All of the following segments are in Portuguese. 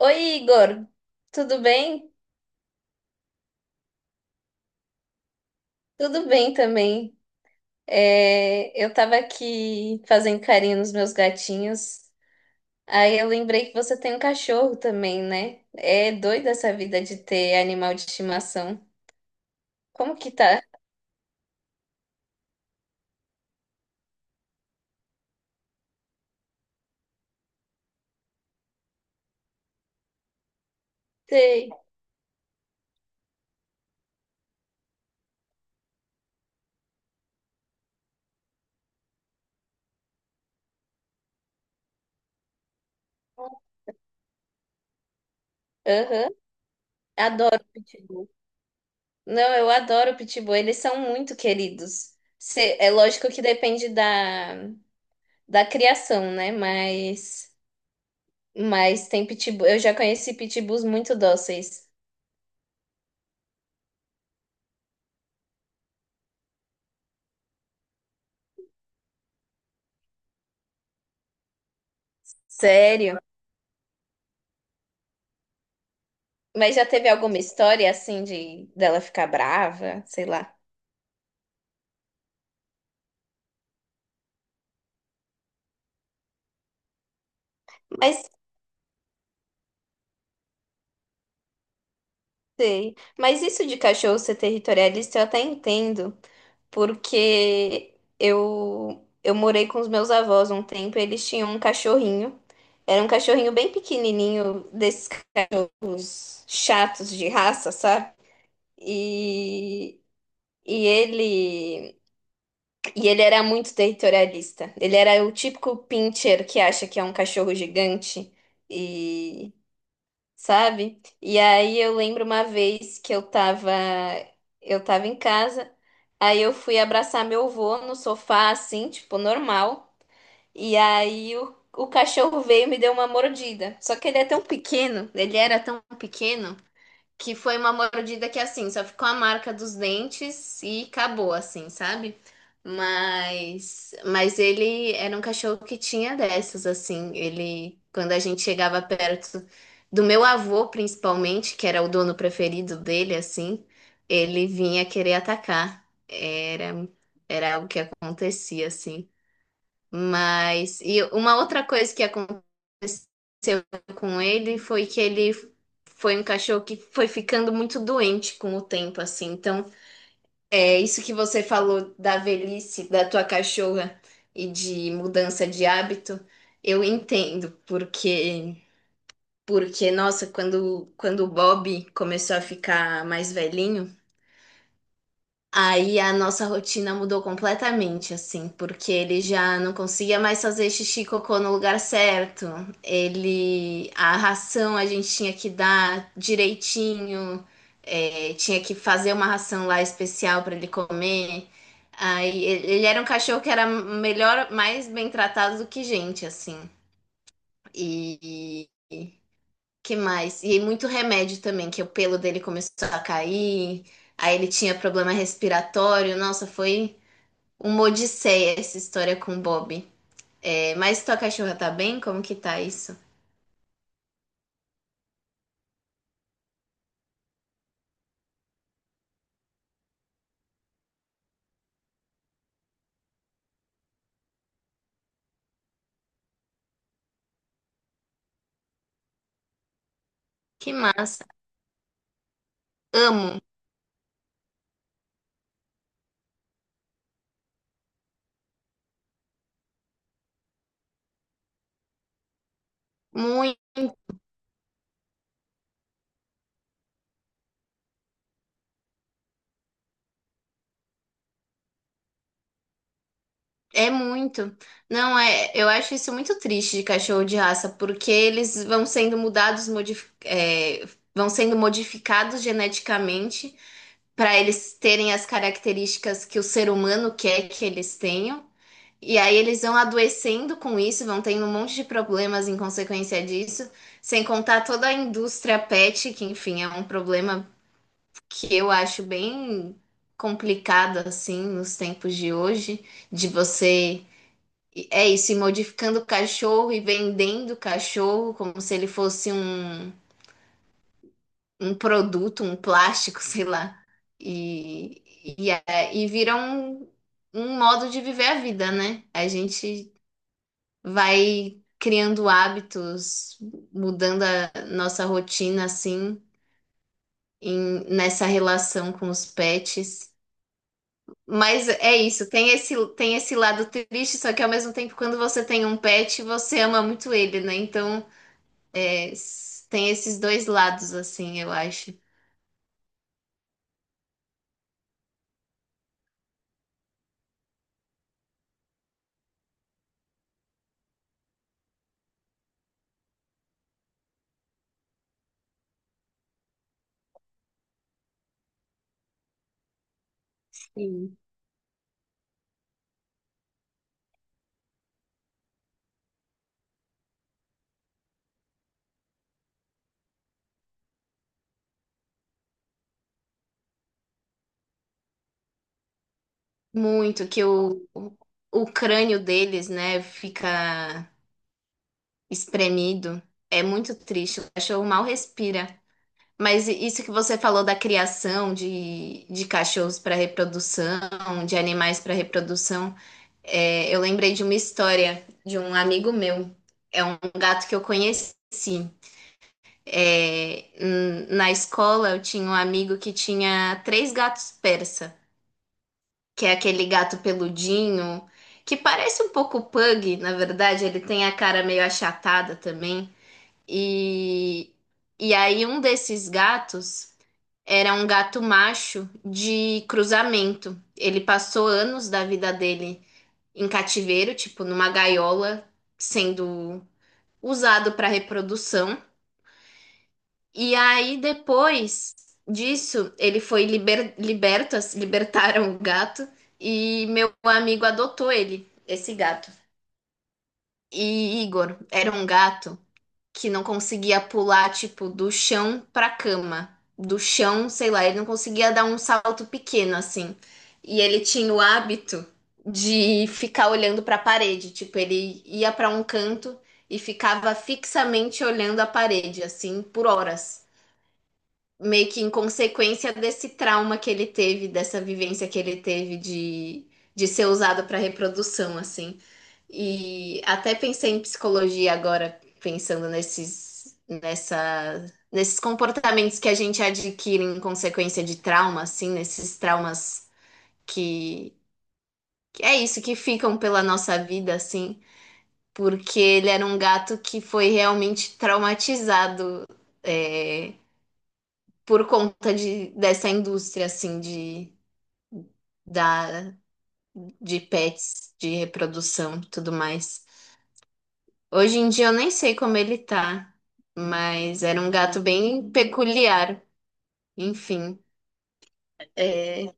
Oi, Igor, tudo bem? Tudo bem também. É, eu tava aqui fazendo carinho nos meus gatinhos. Aí eu lembrei que você tem um cachorro também, né? É doida essa vida de ter animal de estimação. Como que tá? Sei. Aham. Adoro pitbull. Não, eu adoro pitbull. Eles são muito queridos. É lógico que depende da criação, né? Mas tem pitbull. Eu já conheci pitbulls muito dóceis. Sério? Mas já teve alguma história assim de dela ficar brava, sei lá. Mas sei. Mas isso de cachorro ser territorialista eu até entendo, porque eu morei com os meus avós um tempo, e eles tinham um cachorrinho. Era um cachorrinho bem pequenininho, desses cachorros chatos de raça, sabe? E e ele E ele era muito territorialista. Ele era o típico pincher que acha que é um cachorro gigante e sabe? E aí eu lembro uma vez que eu tava em casa, aí eu fui abraçar meu avô no sofá assim, tipo normal, e aí o cachorro veio e me deu uma mordida. Só que ele é tão pequeno, ele era tão pequeno que foi uma mordida que assim, só ficou a marca dos dentes e acabou assim, sabe? Mas ele era um cachorro que tinha dessas assim, ele quando a gente chegava perto do meu avô principalmente, que era o dono preferido dele assim, ele vinha querer atacar. Era algo que acontecia assim. Mas e uma outra coisa que aconteceu com ele foi que ele foi um cachorro que foi ficando muito doente com o tempo, assim. Então, é isso que você falou da velhice da tua cachorra e de mudança de hábito, eu entendo, porque nossa, quando o Bob começou a ficar mais velhinho, aí a nossa rotina mudou completamente, assim, porque ele já não conseguia mais fazer xixi e cocô no lugar certo. A ração a gente tinha que dar direitinho, é, tinha que fazer uma ração lá especial para ele comer. Aí ele era um cachorro que era melhor, mais bem tratado do que gente, assim. E que mais? E muito remédio também, que o pelo dele começou a cair, aí ele tinha problema respiratório. Nossa, foi uma odisseia essa história com o Bob. É, mas tua cachorra tá bem? Como que tá isso? Que massa. Amo. Muito. É muito. Não é, eu acho isso muito triste de cachorro de raça, porque eles vão sendo mudados, vão sendo modificados geneticamente para eles terem as características que o ser humano quer que eles tenham. E aí eles vão adoecendo com isso, vão tendo um monte de problemas em consequência disso, sem contar toda a indústria pet, que enfim, é um problema que eu acho bem complicado assim nos tempos de hoje, de você é isso, ir modificando o cachorro e vendendo o cachorro como se ele fosse um, um, produto, um plástico, sei lá. E vira um modo de viver a vida, né? A gente vai criando hábitos, mudando a nossa rotina assim, nessa relação com os pets. Mas é isso, tem esse lado triste, só que ao mesmo tempo, quando você tem um pet, você ama muito ele, né? Então, é, tem esses dois lados, assim, eu acho. Sim. Muito, que o, o crânio deles, né, fica espremido. É muito triste, o cachorro mal respira. Mas isso que você falou da criação de cachorros para reprodução, de animais para reprodução, é, eu lembrei de uma história de um amigo meu. É um gato que eu conheci. É, na escola eu tinha um amigo que tinha três gatos persa, que é aquele gato peludinho, que parece um pouco pug, na verdade, ele tem a cara meio achatada também. E, e aí um desses gatos era um gato macho de cruzamento. Ele passou anos da vida dele em cativeiro, tipo numa gaiola, sendo usado para reprodução. E aí depois disso, ele foi liberto, assim, libertaram o gato e meu amigo adotou ele, esse gato. E Igor era um gato que não conseguia pular, tipo, do chão pra cama. Do chão, sei lá, ele não conseguia dar um salto pequeno assim. E ele tinha o hábito de ficar olhando pra parede, tipo, ele ia pra um canto e ficava fixamente olhando a parede assim por horas meio que em consequência desse trauma que ele teve, dessa vivência que ele teve de ser usado para reprodução, assim. E até pensei em psicologia agora, pensando nesses comportamentos que a gente adquire em consequência de trauma, assim, nesses traumas que, que é isso, que ficam pela nossa vida, assim. Porque ele era um gato que foi realmente traumatizado, eh, por conta de, dessa indústria, assim, da, de pets, de reprodução e tudo mais. Hoje em dia eu nem sei como ele tá, mas era um gato bem peculiar. Enfim, é,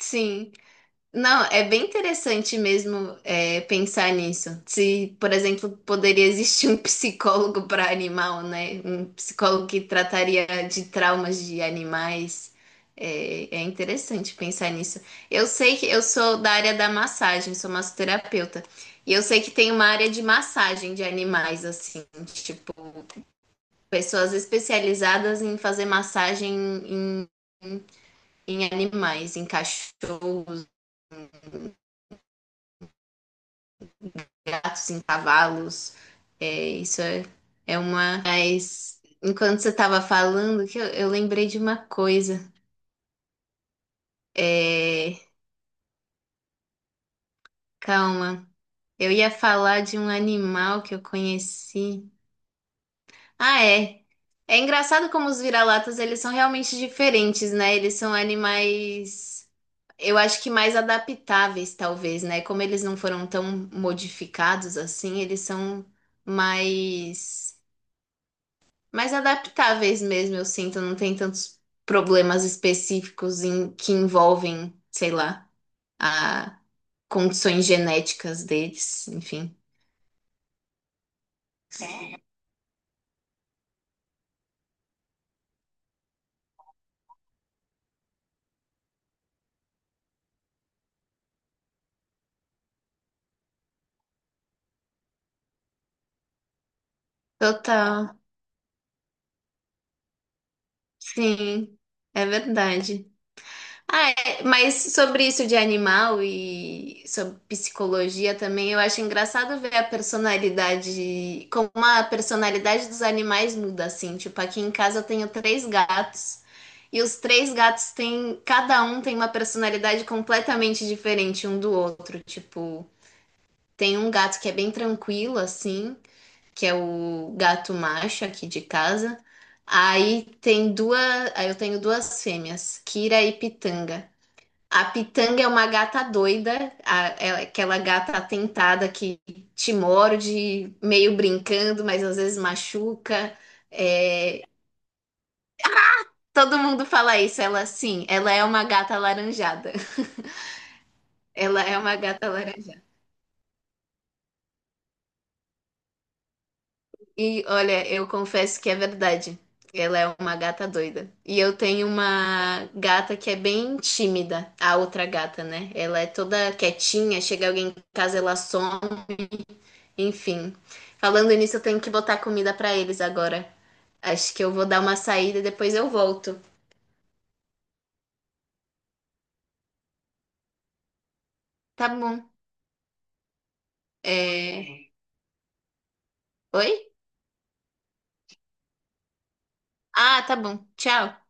sim, não, é bem interessante mesmo, pensar nisso. Se, por exemplo, poderia existir um psicólogo para animal, né? Um psicólogo que trataria de traumas de animais. É, é interessante pensar nisso. Eu sei que eu sou da área da massagem, sou massoterapeuta. E eu sei que tem uma área de massagem de animais, assim, tipo, pessoas especializadas em fazer massagem em animais, em cachorros, gatos, em cavalos. É, isso é, uma. Mas enquanto você estava falando, que eu lembrei de uma coisa. É, calma. Eu ia falar de um animal que eu conheci. Ah, é. É engraçado como os vira-latas, eles são realmente diferentes, né? Eles são animais, eu acho que mais adaptáveis, talvez, né? Como eles não foram tão modificados assim, eles são mais adaptáveis mesmo, eu sinto, não tem tantos problemas específicos que envolvem, sei lá, a condições genéticas deles, enfim. Total, sim, é verdade. Ah, é, mas sobre isso de animal e sobre psicologia também, eu acho engraçado ver a personalidade, como a personalidade dos animais muda, assim. Tipo, aqui em casa eu tenho três gatos e os três gatos têm, cada um tem uma personalidade completamente diferente um do outro. Tipo, tem um gato que é bem tranquilo, assim, que é o gato macho aqui de casa. Aí tem duas, aí eu tenho duas fêmeas, Kira e Pitanga. A Pitanga é uma gata doida, aquela gata atentada que te morde, meio brincando, mas às vezes machuca. É, todo mundo fala isso, ela sim, ela é uma gata alaranjada. Ela é uma gata alaranjada. E olha, eu confesso que é verdade. Ela é uma gata doida. E eu tenho uma gata que é bem tímida, a outra gata, né? Ela é toda quietinha, chega alguém em casa, ela some. Enfim, falando nisso, eu tenho que botar comida pra eles agora. Acho que eu vou dar uma saída e depois eu volto. Tá bom. É... Oi? Ah, tá bom. Tchau.